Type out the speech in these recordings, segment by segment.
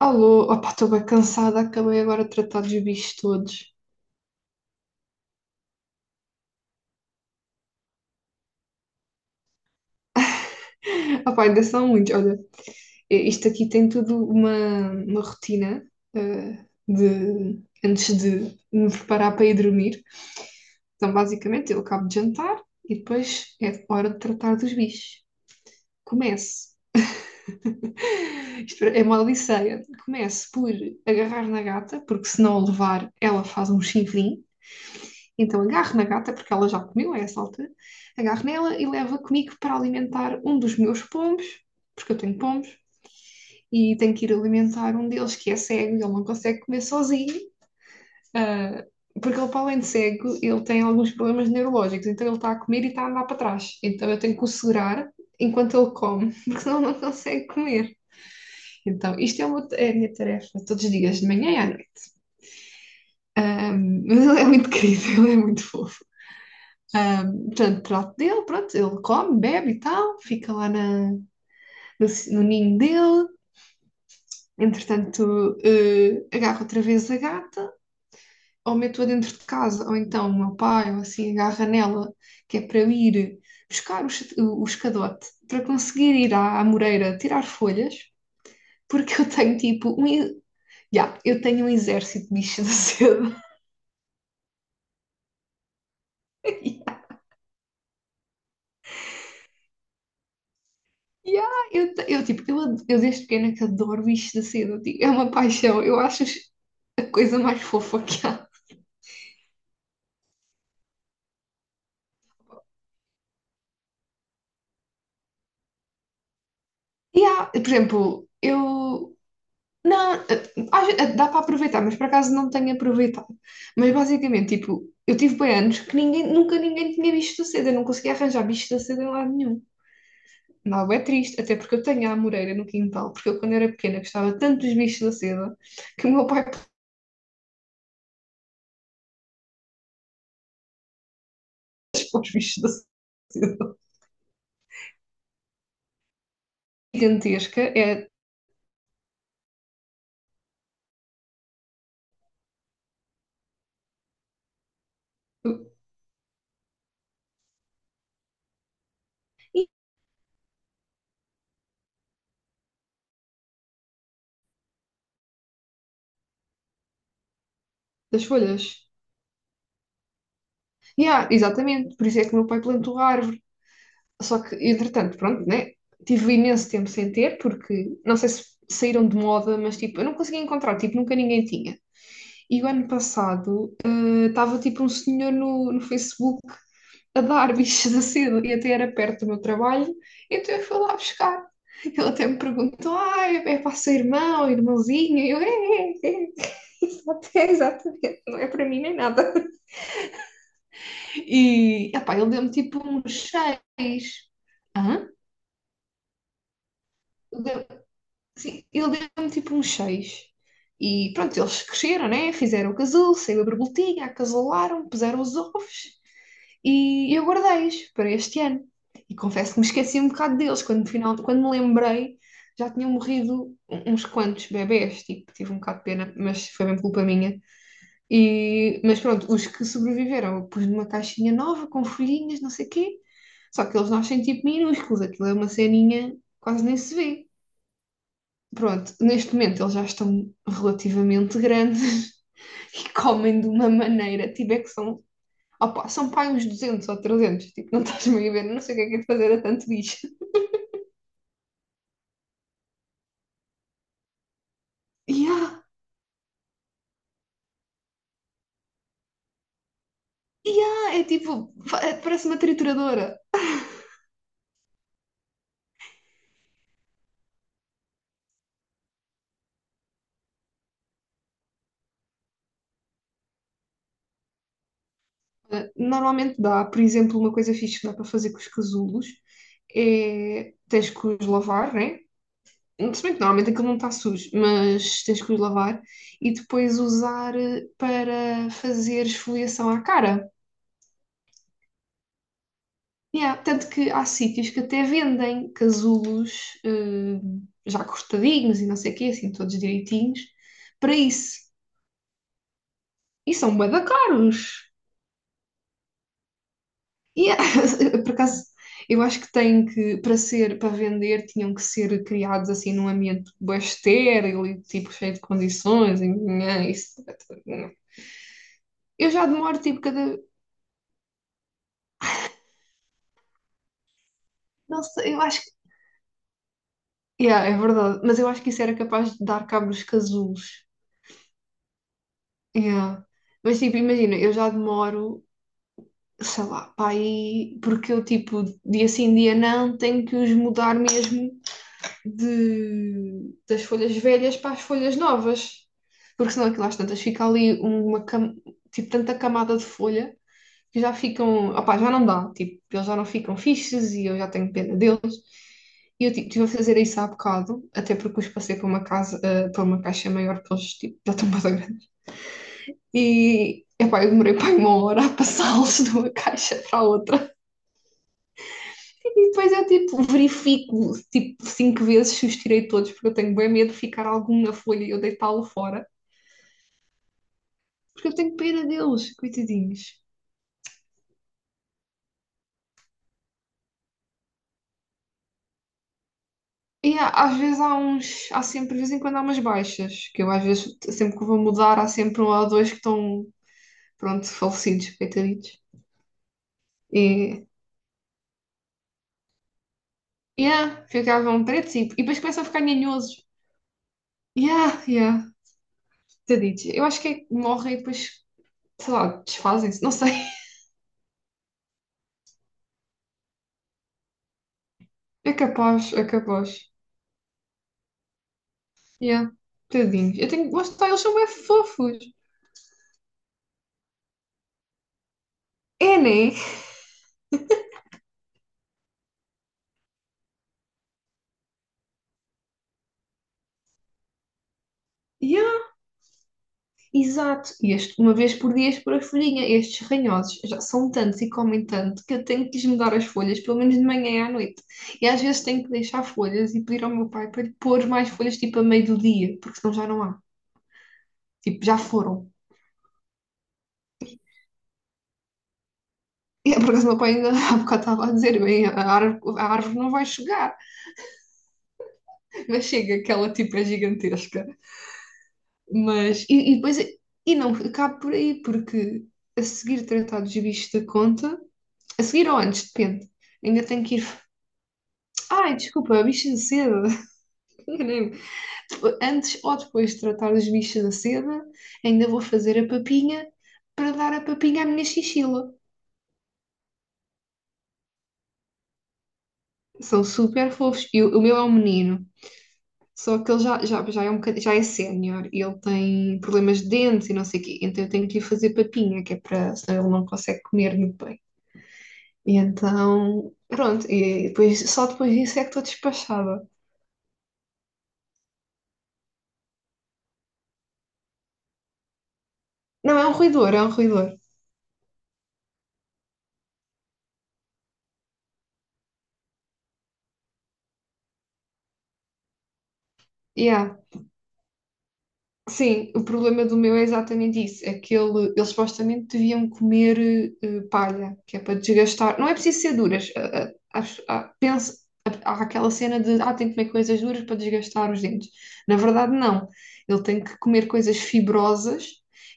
Alô, opá, estou bem cansada, acabei agora de tratar dos bichos todos. Opá, ainda são muitos, olha, isto aqui tem tudo uma rotina antes de me preparar para ir dormir. Então, basicamente, eu acabo de jantar e depois é hora de tratar dos bichos. Começo, isto é uma odisseia, começo por agarrar na gata, porque se não a levar, ela faz um chifrinho. Então agarro na gata, porque ela já comeu a essa altura, agarro nela e levo-a comigo para alimentar um dos meus pombos, porque eu tenho pombos, e tenho que ir alimentar um deles que é cego e ele não consegue comer sozinho, ah, porque ele, para além de cego, ele tem alguns problemas neurológicos, então ele está a comer e está a andar para trás. Então eu tenho que o segurar enquanto ele come, porque senão ele não consegue comer. Então isto é a minha tarefa todos os dias, de manhã e à noite. Ah, mas ele é muito querido, ele é muito fofo. Portanto, trato dele, pronto, ele come, bebe e tal, fica lá na, no, no ninho dele. Entretanto, agarro outra vez a gata, ou meto-a dentro de casa, ou então o meu pai, ou assim, agarra nela, que é para eu ir buscar o escadote, para conseguir ir à Moreira tirar folhas, porque eu tenho um exército de bichos da seda. Ya, eu, eu, tipo, eu, eu desde pequena que adoro bichos da seda, tipo, é uma paixão. Eu acho, a coisa mais fofa que há. E há, por exemplo, eu. Não, dá para aproveitar, mas por acaso não tenho aproveitado. Mas basicamente, tipo, eu tive bem anos que nunca ninguém tinha bicho da seda, eu não conseguia arranjar bicho da seda em lado nenhum. Não, é triste, até porque eu tenho a amoreira no quintal, porque eu quando era pequena gostava tanto dos bichos da seda que o meu pai pôs os bichos da seda. Gigantesca é e das folhas. Yeah, exatamente, por isso é que o meu pai plantou a árvore. Só que, entretanto, pronto, né? Tive imenso tempo sem ter, porque não sei se saíram de moda, mas tipo, eu não conseguia encontrar, tipo, nunca ninguém tinha. E o ano passado estava tipo um senhor no Facebook a dar bichos da seda e até era perto do meu trabalho, então eu fui lá buscar. Ele até me perguntou: ah, é para o seu irmão, irmãozinho? E eu, é, é, é, é, exatamente, não é para mim nem nada. E, epá, ele deu-me tipo uns seis. Hã? Sim, ele deu-me tipo uns seis. E pronto, eles cresceram, né? Fizeram o casulo, saiu a borboletinha, acasolaram puseram os ovos e eu guardei-os para este ano. E confesso que me esqueci um bocado deles. Quando, no final, quando me lembrei, já tinham morrido uns quantos bebés, tipo, tive um bocado de pena, mas foi bem culpa minha. E, mas pronto, os que sobreviveram, eu pus numa caixinha nova, com folhinhas, não sei o quê. Só que eles nascem tipo minúsculos, aquilo é uma ceninha, quase nem se vê pronto, neste momento eles já estão relativamente grandes e comem de uma maneira, tipo, é que são, opa, são pai uns 200 ou 300 tipo, não estás meio a ver, não sei o que é de fazer a tanto bicho. E há, e há, é tipo, parece uma trituradora. Normalmente dá, por exemplo, uma coisa fixe que dá para fazer com os casulos é, tens que os lavar, né? Se bem que normalmente aquilo não está sujo, mas tens que os lavar e depois usar para fazer esfoliação à cara. Yeah, tanto que há sítios que até vendem casulos já cortadinhos e não sei o quê, assim, todos direitinhos, para isso. E são bué da caros. Yeah. Por acaso, eu acho que tem que, para ser, para vender, tinham que ser criados assim num ambiente bué estéril e tipo cheio de condições. E, nhã, isso. Eu já demoro tipo cada. Não sei, eu acho que. Yeah, é verdade, mas eu acho que isso era capaz de dar cabo dos casulos. Yeah. Mas tipo, imagina, eu já demoro, sei lá, para aí, porque eu tipo, dia sim, dia não, tenho que os mudar mesmo de, das folhas velhas para as folhas novas. Porque senão aquilo às tantas fica ali tipo, tanta camada de folha que já ficam, opá, já não dá, tipo, eles já não ficam fixes e eu já tenho pena deles. E eu tipo, estive a fazer isso há bocado, até porque os passei para uma casa, eh, para uma caixa maior, porque eles tipo, já estão mais grandes. E, epá, eu demorei para uma hora a passá-los de uma caixa para a outra. E depois eu, tipo, verifico, tipo, cinco vezes se os tirei todos, porque eu tenho bem medo de ficar algum na folha e eu deitá-lo fora. Porque eu tenho pena deles, coitadinhos. Às vezes há uns, há sempre, de vez em quando há umas baixas, que eu às vezes, sempre que vou mudar, há sempre um ou dois que estão, pronto, falecidos, coitaditos. E, yeah, ficavam pretos e depois começam a ficar ninhosos. Yeah, yeah, coitaditos. Eu acho que é que morrem e depois sei lá, desfazem-se, não sei. É capaz, é capaz. Yeah, tadinhos. Eu tenho, lá está, eles são bem fofos. É, né? Yeah, exato. E este, uma vez por dia por a folhinha. Estes ranhosos já são tantos e comem tanto que eu tenho que lhes mudar as folhas, pelo menos de manhã e à noite. E às vezes tenho que deixar folhas e pedir ao meu pai para lhe pôr mais folhas, tipo a meio do dia, porque senão já não há. Tipo, já foram. E é por acaso, o meu pai ainda há bocado estava a dizer: bem, a árvore não vai chegar, mas chega, aquela tipo é gigantesca. Mas, e depois, e não acabo por aí, porque a seguir tratar dos bichos da conta, a seguir ou antes, depende, ainda tenho que ir. Ai, desculpa, bicho da seda. Enganei-me. Antes ou depois de tratar os bichos da seda, ainda vou fazer a papinha para dar a papinha à minha chinchila. São super fofos. E o meu é um menino, só que ele já é sénior e ele tem problemas de dentes e não sei o quê. Então eu tenho que lhe fazer papinha, que é para, senão ele não consegue comer muito bem. E então, pronto, e depois, só depois disso é que estou despachada. Não, é um ruidor, é um ruidor. Yeah. Sim, o problema do meu é exatamente isso. É que ele, eles supostamente deviam comer palha, que é para desgastar. Não é preciso ser duras. Penso, há aquela cena de tem que comer coisas duras para desgastar os dentes. Na verdade, não. Ele tem que comer coisas fibrosas,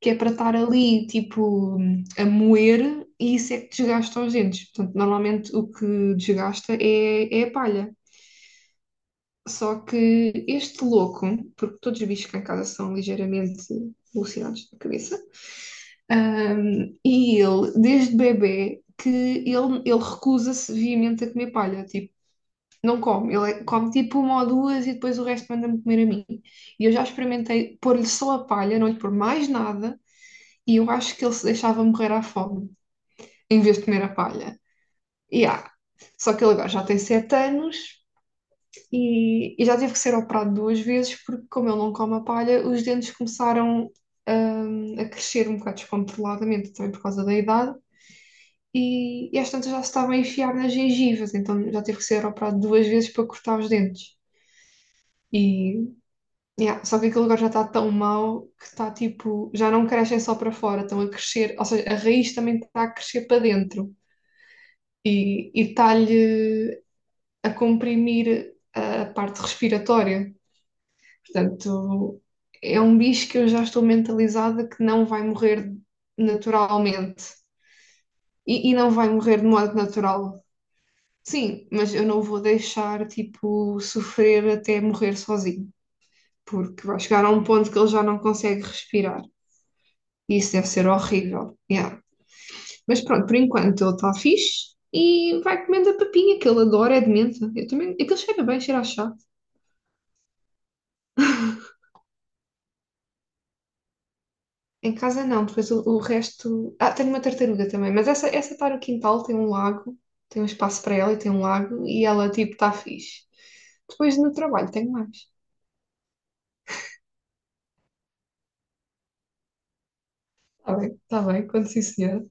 que é para estar ali, tipo, a moer, e isso é que desgasta os dentes. Portanto, normalmente o que desgasta é, é a palha. Só que este louco, porque todos os bichos cá em casa são ligeiramente alucinados da cabeça, e ele, desde bebê, que ele recusa-se veemente a comer palha, tipo, não come, ele é- come tipo uma ou duas e depois o resto manda-me comer a mim. E eu já experimentei pôr-lhe só a palha, não lhe pôr mais nada, e eu acho que ele se deixava morrer à fome, em vez de comer a palha. E há. Só que ele agora já tem 7 anos e já tive que ser operado duas vezes, porque como ele não come a palha, os dentes começaram, a crescer um bocado descontroladamente, também por causa da idade, e às tantas já se estava a enfiar nas gengivas, então já tive que ser operado duas vezes para cortar os dentes. E, yeah, só que aquele lugar já está tão mau que está tipo, já não crescem só para fora, estão a crescer, ou seja, a raiz também está a crescer para dentro e está-lhe a comprimir a parte respiratória. Portanto, é um bicho que eu já estou mentalizada que não vai morrer naturalmente e não vai morrer de modo natural. Sim, mas eu não vou deixar, tipo, sofrer até morrer sozinho, porque vai chegar a um ponto que ele já não consegue respirar. E isso deve ser horrível. Yeah. Mas pronto, por enquanto ele está fixe e vai comendo a papinha que ele adora, é de menta. Eu também, aquilo cheira bem, cheira a chá. Em casa não, depois o resto. Ah, tenho uma tartaruga também, mas essa está no quintal, tem um lago, tem um espaço para ela e tem um lago, e ela tipo está fixe. Depois no trabalho tenho mais. Está bem, quando sim, senhora.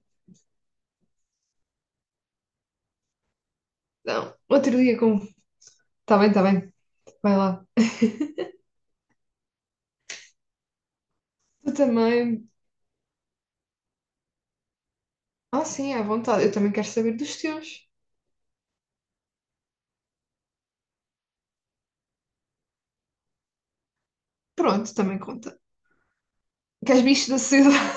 Não, outro dia como. Está bem, vai lá. Tu também. Ah, sim, é à vontade, eu também quero saber dos teus. Pronto, também conta. Queres bichos da sociedade?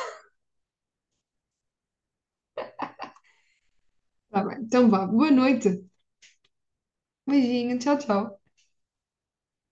Está bem, então vá, boa noite. Beijinho, tchau, tchau.